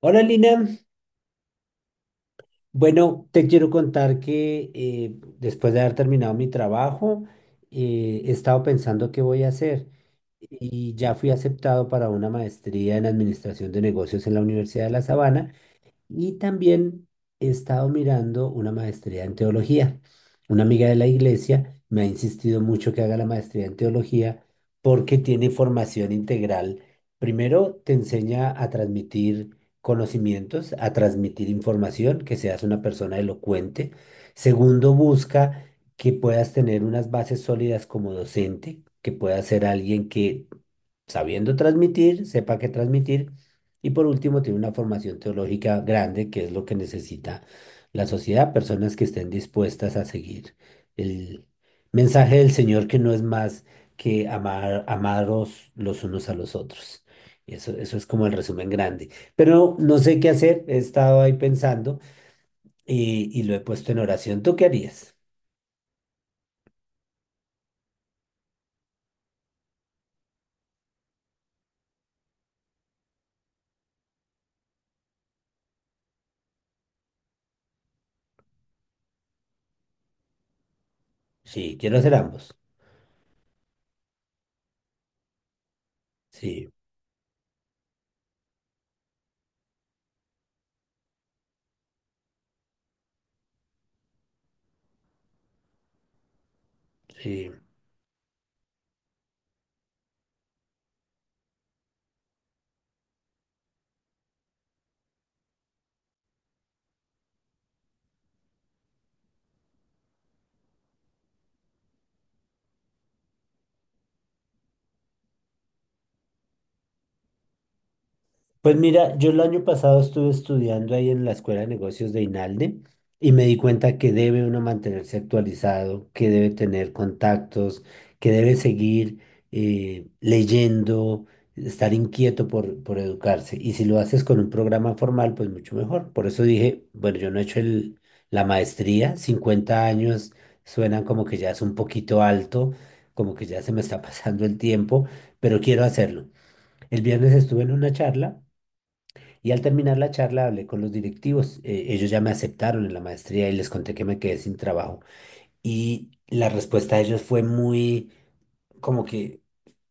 Hola Lina, bueno, te quiero contar que después de haber terminado mi trabajo, he estado pensando qué voy a hacer y ya fui aceptado para una maestría en administración de negocios en la Universidad de La Sabana. Y también he estado mirando una maestría en teología. Una amiga de la iglesia me ha insistido mucho que haga la maestría en teología porque tiene formación integral. Primero te enseña a transmitir conocimientos, a transmitir información, que seas una persona elocuente. Segundo, busca que puedas tener unas bases sólidas como docente, que puedas ser alguien que sabiendo transmitir, sepa qué transmitir. Y por último, tiene una formación teológica grande, que es lo que necesita la sociedad, personas que estén dispuestas a seguir el mensaje del Señor, que no es más que amar, amaros los unos a los otros. Y eso es como el resumen grande. Pero no sé qué hacer, he estado ahí pensando y lo he puesto en oración. ¿Tú qué harías? Sí, quiero hacer ambos. Sí, sí. Pues mira, yo el año pasado estuve estudiando ahí en la Escuela de Negocios de INALDE y me di cuenta que debe uno mantenerse actualizado, que debe tener contactos, que debe seguir leyendo, estar inquieto por educarse. Y si lo haces con un programa formal, pues mucho mejor. Por eso dije, bueno, yo no he hecho la maestría, 50 años suenan como que ya es un poquito alto, como que ya se me está pasando el tiempo, pero quiero hacerlo. El viernes estuve en una charla. Y al terminar la charla hablé con los directivos. Ellos ya me aceptaron en la maestría y les conté que me quedé sin trabajo. Y la respuesta de ellos fue muy como que,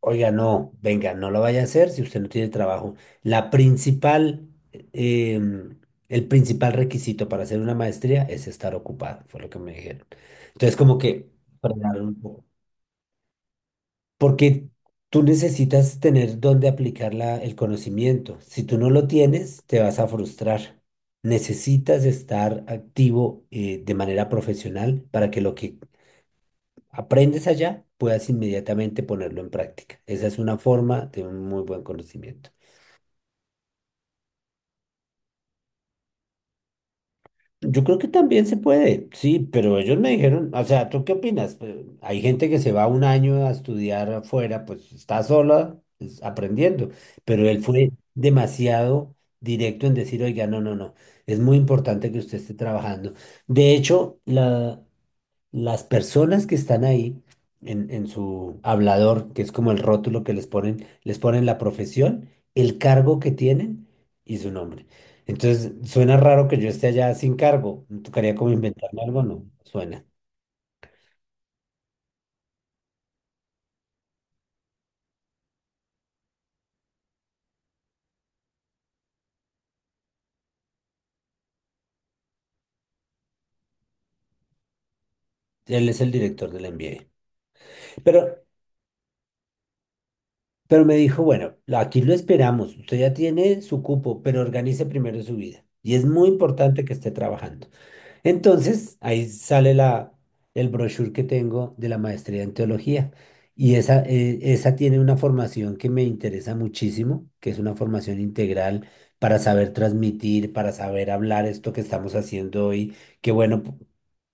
oiga, no, venga, no lo vaya a hacer si usted no tiene trabajo. La principal, em, el principal requisito para hacer una maestría es estar ocupado, fue lo que me dijeron. Entonces como que frenaron un poco. Porque tú necesitas tener dónde aplicar el conocimiento. Si tú no lo tienes, te vas a frustrar. Necesitas estar activo de manera profesional para que lo que aprendes allá puedas inmediatamente ponerlo en práctica. Esa es una forma de un muy buen conocimiento. Yo creo que también se puede, sí, pero ellos me dijeron, o sea, ¿tú qué opinas? Hay gente que se va un año a estudiar afuera, pues está sola pues, aprendiendo, pero él fue demasiado directo en decir, oiga, no, no, no, es muy importante que usted esté trabajando. De hecho, las personas que están ahí en su hablador, que es como el rótulo que les ponen la profesión, el cargo que tienen y su nombre. Entonces, suena raro que yo esté allá sin cargo. ¿Me tocaría como inventarme algo? No, suena. Él es el director del MBA. Pero, pero me dijo, bueno, aquí lo esperamos. Usted ya tiene su cupo, pero organice primero su vida. Y es muy importante que esté trabajando. Entonces, ahí sale el brochure que tengo de la maestría en teología. Y esa, esa tiene una formación que me interesa muchísimo, que es una formación integral para saber transmitir, para saber hablar esto que estamos haciendo hoy. Qué bueno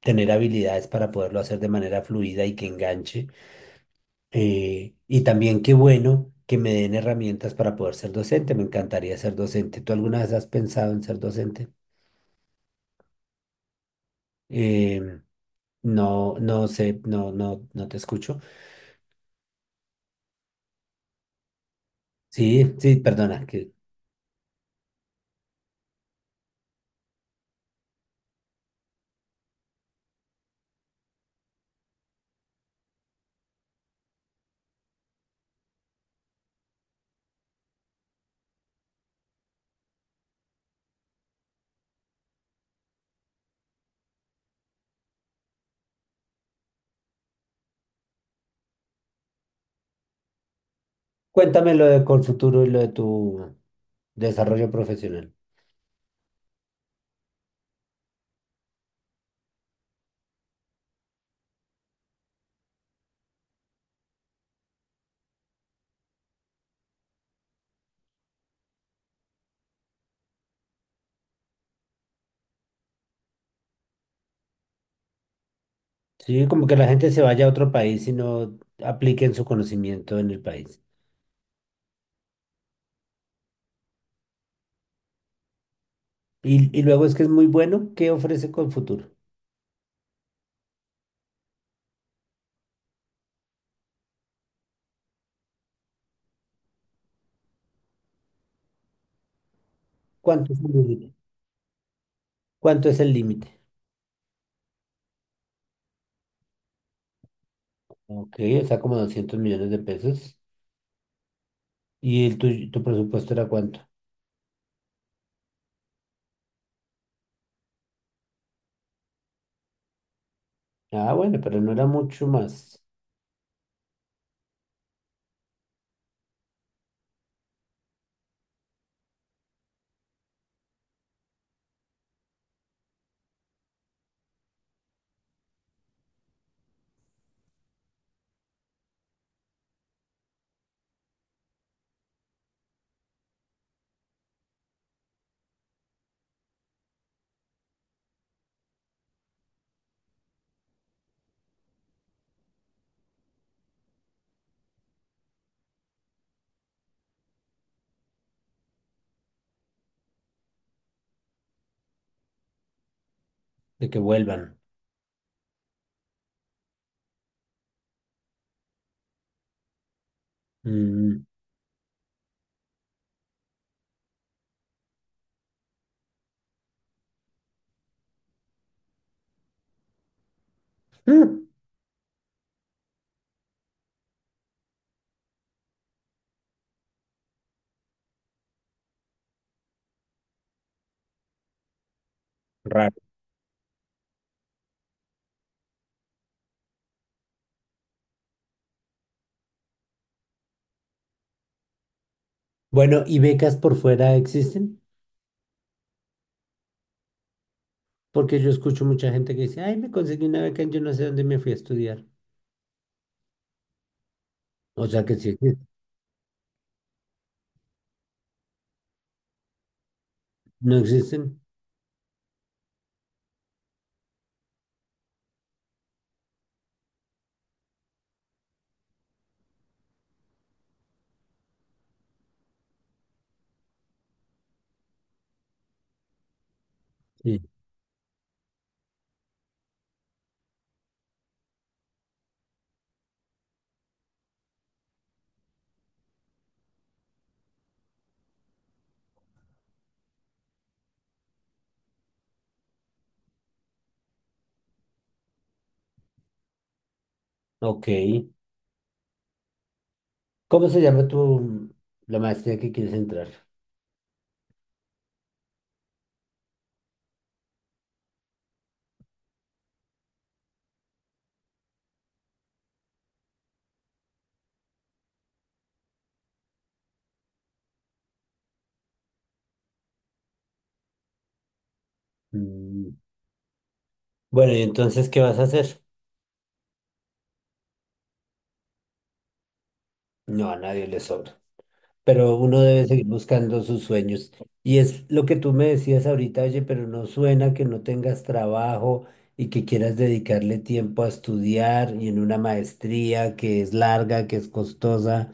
tener habilidades para poderlo hacer de manera fluida y que enganche. Y también qué bueno que me den herramientas para poder ser docente. Me encantaría ser docente. ¿Tú alguna vez has pensado en ser docente? Em, No, no sé, no, no, no te escucho. Sí, sí, perdona. Que... Cuéntame lo de Colfuturo y lo de tu desarrollo profesional. Sí, como que la gente se vaya a otro país y no apliquen su conocimiento en el país. Y luego es que es muy bueno. ¿Qué ofrece Colfuturo? ¿Cuánto es el límite? ¿Cuánto es el límite? Ok, o sea, como 200 millones de pesos. ¿Y el tu presupuesto era cuánto? Ah, bueno, pero no era mucho más de que vuelvan. Mm, mm, raro. Bueno, ¿y becas por fuera existen? Porque yo escucho mucha gente que dice, ay, me conseguí una beca en yo no sé dónde me fui a estudiar. O sea que sí existen. ¿No existen? Sí. Ok. ¿Cómo se llama la maestría que quieres entrar? Mm, bueno, ¿y entonces qué vas a hacer? No, a nadie le sobra. Pero uno debe seguir buscando sus sueños. Y es lo que tú me decías ahorita, oye, pero no suena que no tengas trabajo y que quieras dedicarle tiempo a estudiar y en una maestría que es larga, que es costosa,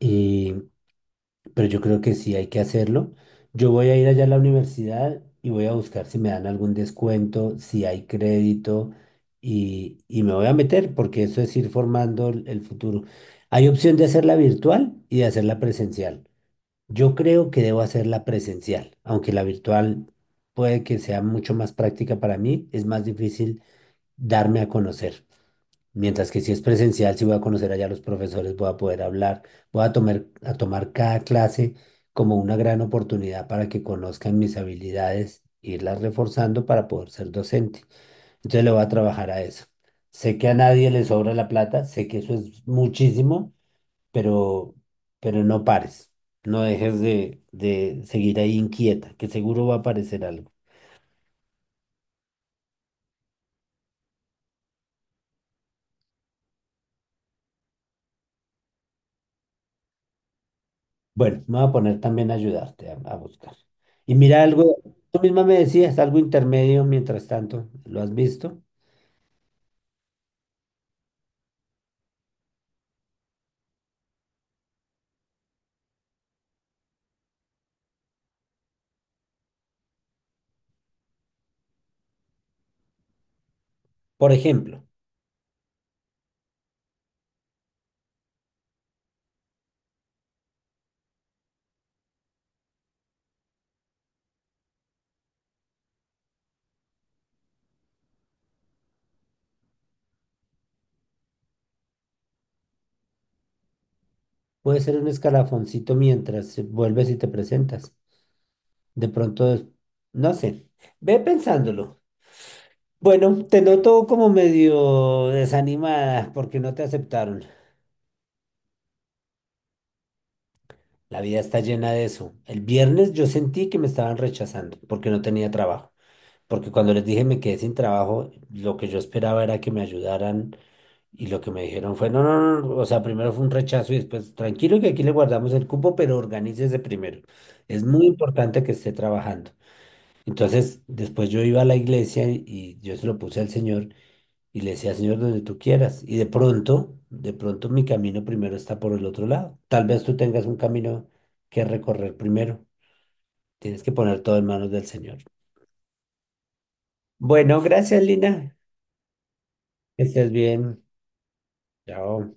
y, pero yo creo que sí hay que hacerlo. Yo voy a ir allá a la universidad y voy a buscar si me dan algún descuento, si hay crédito. Y me voy a meter porque eso es ir formando el futuro. Hay opción de hacerla virtual y de hacerla presencial. Yo creo que debo hacerla presencial, aunque la virtual puede que sea mucho más práctica para mí, es más difícil darme a conocer. Mientras que si es presencial, si voy a conocer allá a los profesores, voy a poder hablar, voy a tomar cada clase como una gran oportunidad para que conozcan mis habilidades, irlas reforzando para poder ser docente. Entonces le voy a trabajar a eso. Sé que a nadie le sobra la plata, sé que eso es muchísimo, pero, pero no pares, no dejes de seguir ahí inquieta, que seguro va a aparecer algo. Bueno, me voy a poner también a ayudarte a buscar. Y mira algo, tú misma me decías, algo intermedio mientras tanto, ¿lo has visto? Por ejemplo, puede ser un escalafoncito mientras vuelves y te presentas. De pronto, no sé, ve pensándolo. Bueno, te noto como medio desanimada porque no te aceptaron. La vida está llena de eso. El viernes yo sentí que me estaban rechazando porque no tenía trabajo. Porque cuando les dije me quedé sin trabajo, lo que yo esperaba era que me ayudaran y lo que me dijeron fue, no, no, no, no, o sea, primero fue un rechazo y después, tranquilo que aquí le guardamos el cupo, pero organícese primero. Es muy importante que esté trabajando. Entonces, después yo iba a la iglesia y yo se lo puse al Señor y le decía, Señor, donde tú quieras. Y de pronto mi camino primero está por el otro lado. Tal vez tú tengas un camino que recorrer primero. Tienes que poner todo en manos del Señor. Bueno, gracias, Lina. Que estés bien. Chao.